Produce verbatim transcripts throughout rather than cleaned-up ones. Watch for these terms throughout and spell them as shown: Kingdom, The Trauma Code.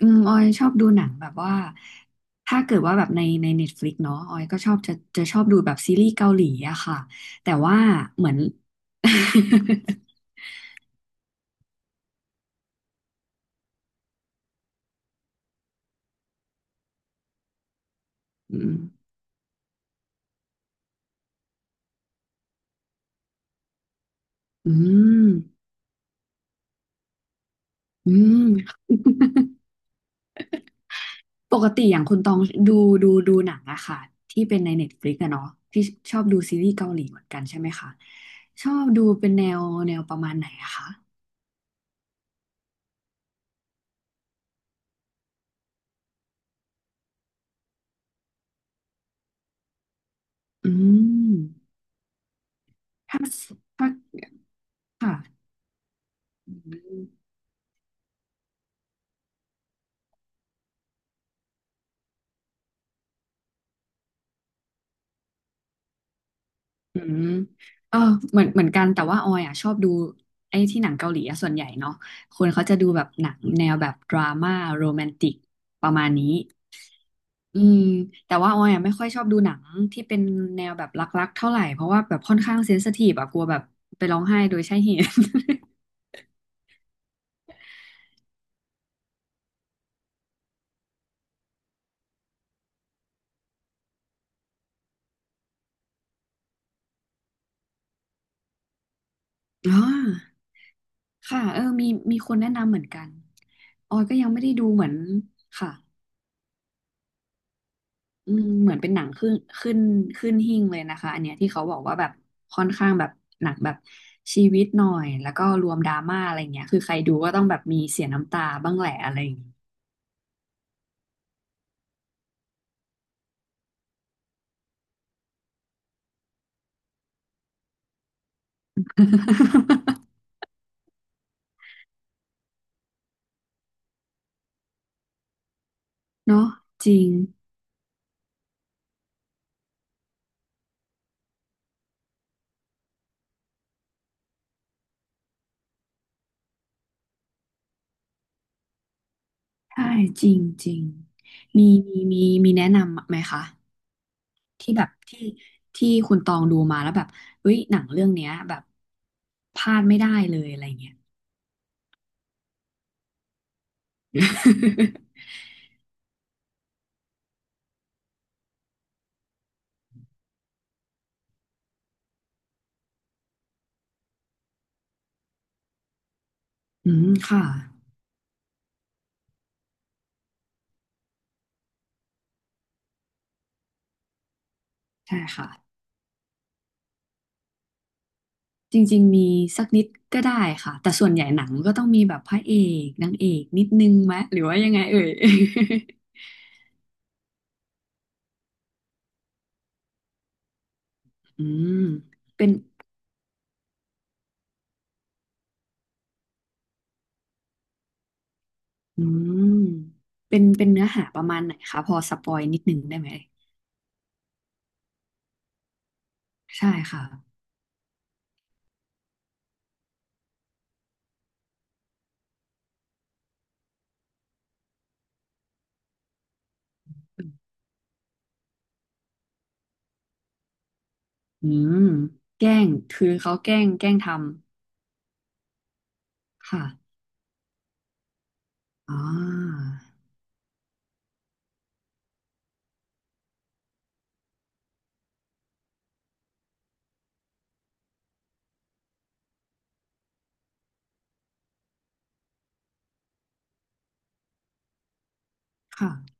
อืมออยชอบดูหนังแบบว่าถ้าเกิดว่าแบบในใน Netflix เนาะออยก็ชอบจะจะชอบดูแบบซีรีส์เกาหลีอะค่ะแต่ว่าเหมือน อืมอืมอืมปกติอย่างคุณตองดูดูดูหนังอะค่ะที่เป็นใน Netflix อะเนาะที่ชอบดูซีรีส์เกาหลีเหมือนกันใช่ไหมคะชอบดูเป็นแนวแนวประมาณไหนอะคะอืมถ้าถ้าค่ะอืม อืมเออเหมือนเหมือนกันแต่ว่าออยอ่ะชอบดูไอ้ที่หนังเกาหลีอะส่วนใหญ่เนาะคนเขาจะดูแบบหนังแนวแบบดราม่าโรแมนติกประมาณนี้อืมแต่ว่าออยอ่ะไม่ค่อยชอบดูหนังที่เป็นแนวแบบรักๆเท่าไหร่เพราะว่าแบบค่อนข้างเซนซิทีฟอะกลัวแบบไปร้องไห้โดยใช่เหตุ อ๋อค่ะเออมีมีคนแนะนำเหมือนกันออยก็ยังไม่ได้ดูเหมือนค่ะ อืมเหมือนเป็นหนังขึ้นขึ้นขึ้นหิ้งเลยนะคะอันเนี้ยที่เขาบอกว่าแบบค่อนข้างแบบหนักแบบชีวิตหน่อยแล้วก็รวมดราม่าอะไรเงี้ยคือใครดูก็ต้องแบบมีเสียน้ำตาบ้างแหละอะไรอย่างเงี้ย เนาะจริงใช่จริงจริงมีมีมีมีแนะนำไหมคะที่แบบที่ที่คุณตองดูมาแล้วแบบเฮ้ยหนังเรื่องเนี้ยแบบพลาดไม่ได้เลยอะไรเงี้ย อืมค่ะใช่ค่ะ จริงๆ มีสักนิดก็ได้ค่ะ แต่ส่วนใหญ่หนังก็ต้องมีแบบพระเอกนางเอกนิดนึงไหมหรือว่ายังไงเอ่ย อืมเป็นอืมเป็นเป็นเนื้อหาประมาณไหนคะพอสปอยนิดนึงได้ไหม ใช่ค่ะอืมแกล้ง คือเขาแกล้งแกล้งทำ ค่ะอ่าค่ะ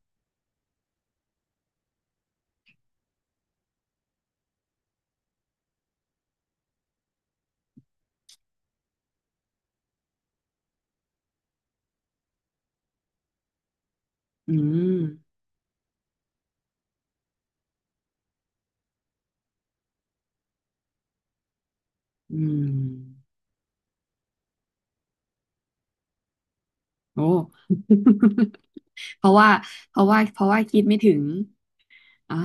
อืมอืม โอ้ เพราะว่าเพราะว่าเพราะว่าคิดไม่ถึงอ่า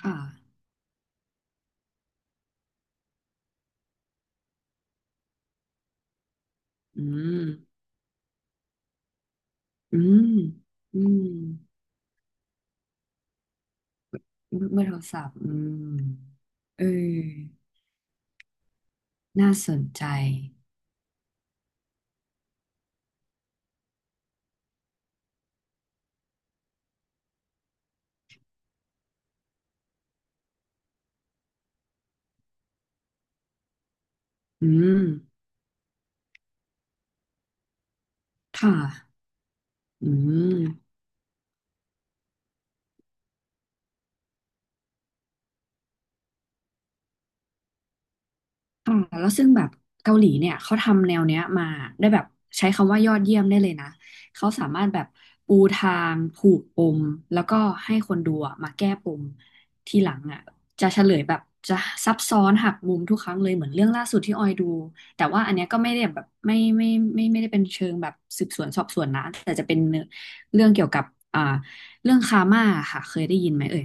ค่ะ อืม อืมอืมเบอร์โทรศัพท์อืมเออน่าสนใจอืมค่ะอืม อ่าแล้วซึ่งแบบเกาหลีเนี่ยเขาทำแนวเนี้ยมาได้แบบใช้คำว่ายอดเยี่ยมได้เลยนะเขาสามารถแบบปูทางผูกปมแล้วก็ให้คนดูอะมาแก้ปมทีหลังอ่ะจะเฉลยแบบจะซับซ้อนหักมุมทุกครั้งเลยเหมือนเรื่องล่าสุดที่ออยดูแต่ว่าอันเนี้ยก็ไม่ได้แบบไม่ไม่ไม่ไม่ได้เป็นเชิงแบบสืบสวนสอบสวนนะแต่จะเป็นเนื้อเรื่องเกี่ยวกับอ่าเรื่องคาร์มาค่ะเคยได้ยินไหมเอ่ย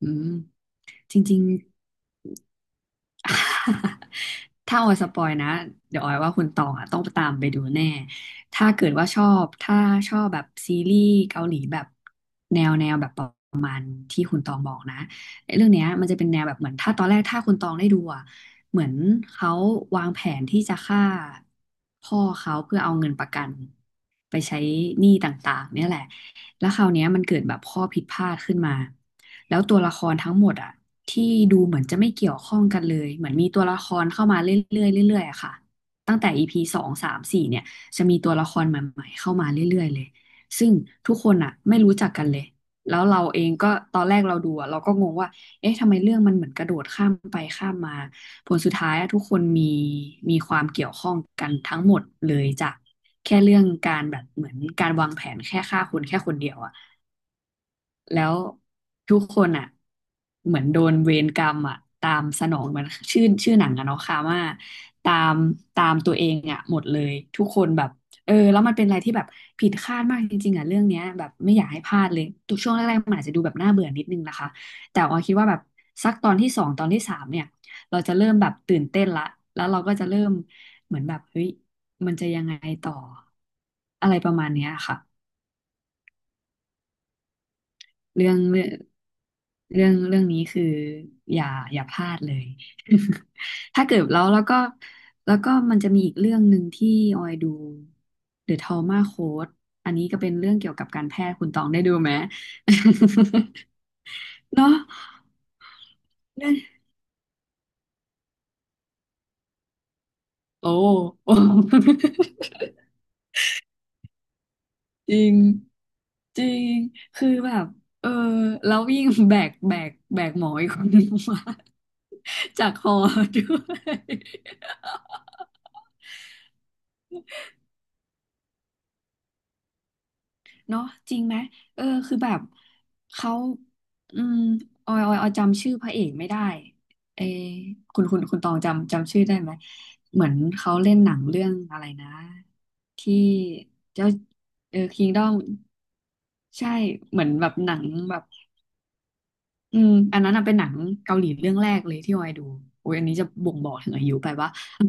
อืมจริงๆ ถ้าออยสปอยนะเดี๋ยวออยว่าคุณตองอ่ะต้องตามไปดูแน่ถ้าเกิดว่าชอบถ้าชอบแบบซีรีส์เกาหลีแบบแนวแนวแบบประมาณที่คุณตองบอกนะไอ้เรื่องเนี้ยมันจะเป็นแนวแบบเหมือนถ้าตอนแรกถ้าคุณตองได้ดูอ่ะเหมือนเขาวางแผนที่จะฆ่าพ่อเขาเพื่อเอาเงินประกันไปใช้หนี้ต่างๆเนี่ยแหละ แล้วคราวเนี้ยมันเกิดแบบข้อผิดพลาดขึ้นมา แล้วตัวละครทั้งหมดอ่ะที่ดูเหมือนจะไม่เกี่ยวข้องกันเลย เหมือนมีตัวละครเข้ามาเรื่อยๆเรื่อยๆอะค่ะตั้งแต่ อี พี สองสามสี่เนี่ยจะมีตัวละครใหม่ๆเข้ามาเรื่อยๆเลย ซึ่งทุกคนอ่ะไม่รู้จักกันเลย แล้วเราเองก็ตอนแรกเราดูอ่ะเราก็งงว่าเอ๊ะทำไมเรื่องมันเหมือนกระโดดข้ามไปข้ามมา ผลสุดท้ายอะทุกคนมีมีความเกี่ยวข้องกันทั้งหมดเลยจากแค่เรื่องการแบบเหมือนการวางแผนแค่ฆ่าคนแค่คนเดียวอะ แล้วทุกคนอ่ะเหมือนโดนเวรกรรมอ่ะตามสนองมันชื่อชื่อหนังอะเนาะคาม่าตามตามตัวเองอ่ะหมดเลยทุกคนแบบเออแล้วมันเป็นอะไรที่แบบผิดคาดมากจริงๆอ่ะเรื่องเนี้ยแบบไม่อยากให้พลาดเลยตัวช่วงแรกๆมันอาจจะดูแบบน่าเบื่อนิดนึงนะคะแต่ออยคิดว่าแบบสักตอนที่สองตอนที่สามเนี่ยเราจะเริ่มแบบตื่นเต้นละแล้วเราก็จะเริ่มเหมือนแบบเฮ้ยมันจะยังไงต่ออะไรประมาณเนี้ยค่ะ เรื่องเรื่องเรื่องเรื่องนี้คืออย่าอย่าพลาดเลย ถ้าเกิดแล้วแล้วก็แล้วก็มันจะมีอีกเรื่องหนึ่งที่ออยดู The Trauma Code อันนี้ก็เป็นเรื่องเกี่ยวกับการแพทย์คุณตองได้ดูไหม เนาะเรื่องโอ้โอ้ จริงจริงคือแบบเออแล้วยิ่งแบกแบกแบกหมออีกคน นึงมาจากคอด้วย เนาะจริงไหมเออคือแบบเขาอืมออยออยออยจำชื่อพระเอกไม่ได้เออคุณคุณคุณตองจำจำชื่อได้ไหมเหมือนเขาเล่นหนังเรื่องอะไรนะที่เจ้าเออคิงดอมใช่เหมือนแบบหนังแบบอืมอันนั้นน่ะเป็นหนังเกาหลีเรื่องแรกเลยที่ออยดูโอ้ยอันนี้จะบ่งบอกถึงอายุไปปะ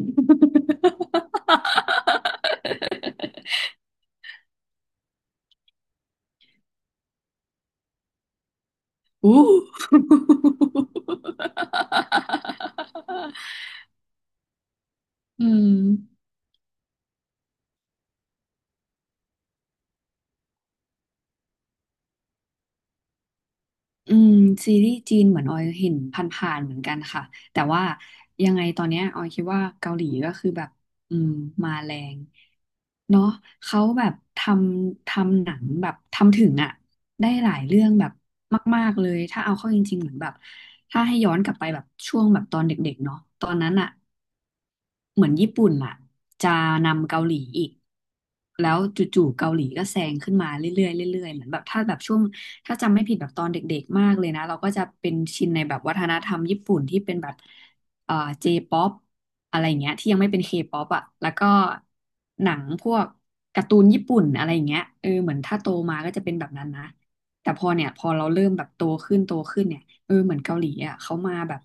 อู้ อืม อืมซีรีส์จีนเหมือนออยเห็นผ่านๆเหมือนกันค่ะแต่ว่ายังไงตอนเนี้ยออยคิดว่าเกาหลีก็คือแบบอืมมาแรงเนาะเขาแบบทำทำหนังแบบทำถึงอะได้หลายเรื่องแบบมากๆเลยถ้าเอาเข้าจริงๆเหมือนแบบถ้าให้ย้อนกลับไปแบบช่วงแบบตอนเด็กๆเนาะตอนนั้นอะ เหมือนญี่ปุ่นอ่ะจะนำเกาหลีอีกแล้วจู่ๆเกาหลีก็แซงขึ้นมาเรื่อยๆเรื่อยๆเหมือนแบบถ้าแบบช่วงถ้าจำไม่ผิดแบบตอนเด็กๆมากเลยนะเราก็จะเป็นชินในแบบวัฒนธรรมญี่ปุ่นที่เป็นแบบเอ่อเจป๊อปอะไรอย่างเงี้ยที่ยังไม่เป็นเคป๊อปอ่ะแล้วก็หนังพวกการ์ตูนญี่ปุ่นอะไรอย่างเงี้ยเออเหมือนถ้าโตมาก็จะเป็นแบบนั้นนะแต่พอเนี่ยพอเราเริ่มแบบโตขึ้นโตขึ้นเนี่ย เออเหมือนเกาหลีอ่ะเขามาแบบ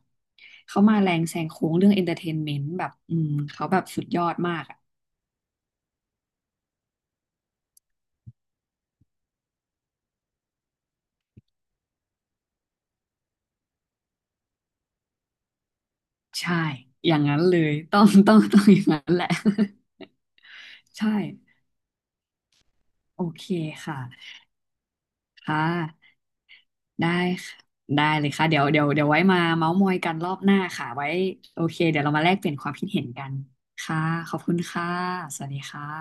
เขามาแรงแซงโค้งเรื่องเอนเตอร์เทนเมนต์แบบอืมเขาแบบสุดยอดมากอ่ะใช่อย่างนั้นเลยต้อง ต้องต้องอย่างนั้นแหละ ใช่โอเคค่ะค่ะได้ค่ะได้เลยค่ะเดี๋ยวเดี๋ยวเดี๋ยวไว้มาเม้าท์มอยกันรอบหน้าค่ะไว้โอเคเดี๋ยวเรามาแลกเปลี่ยนความคิดเห็นกันค่ะขอบคุณค่ะสวัสดีค่ะ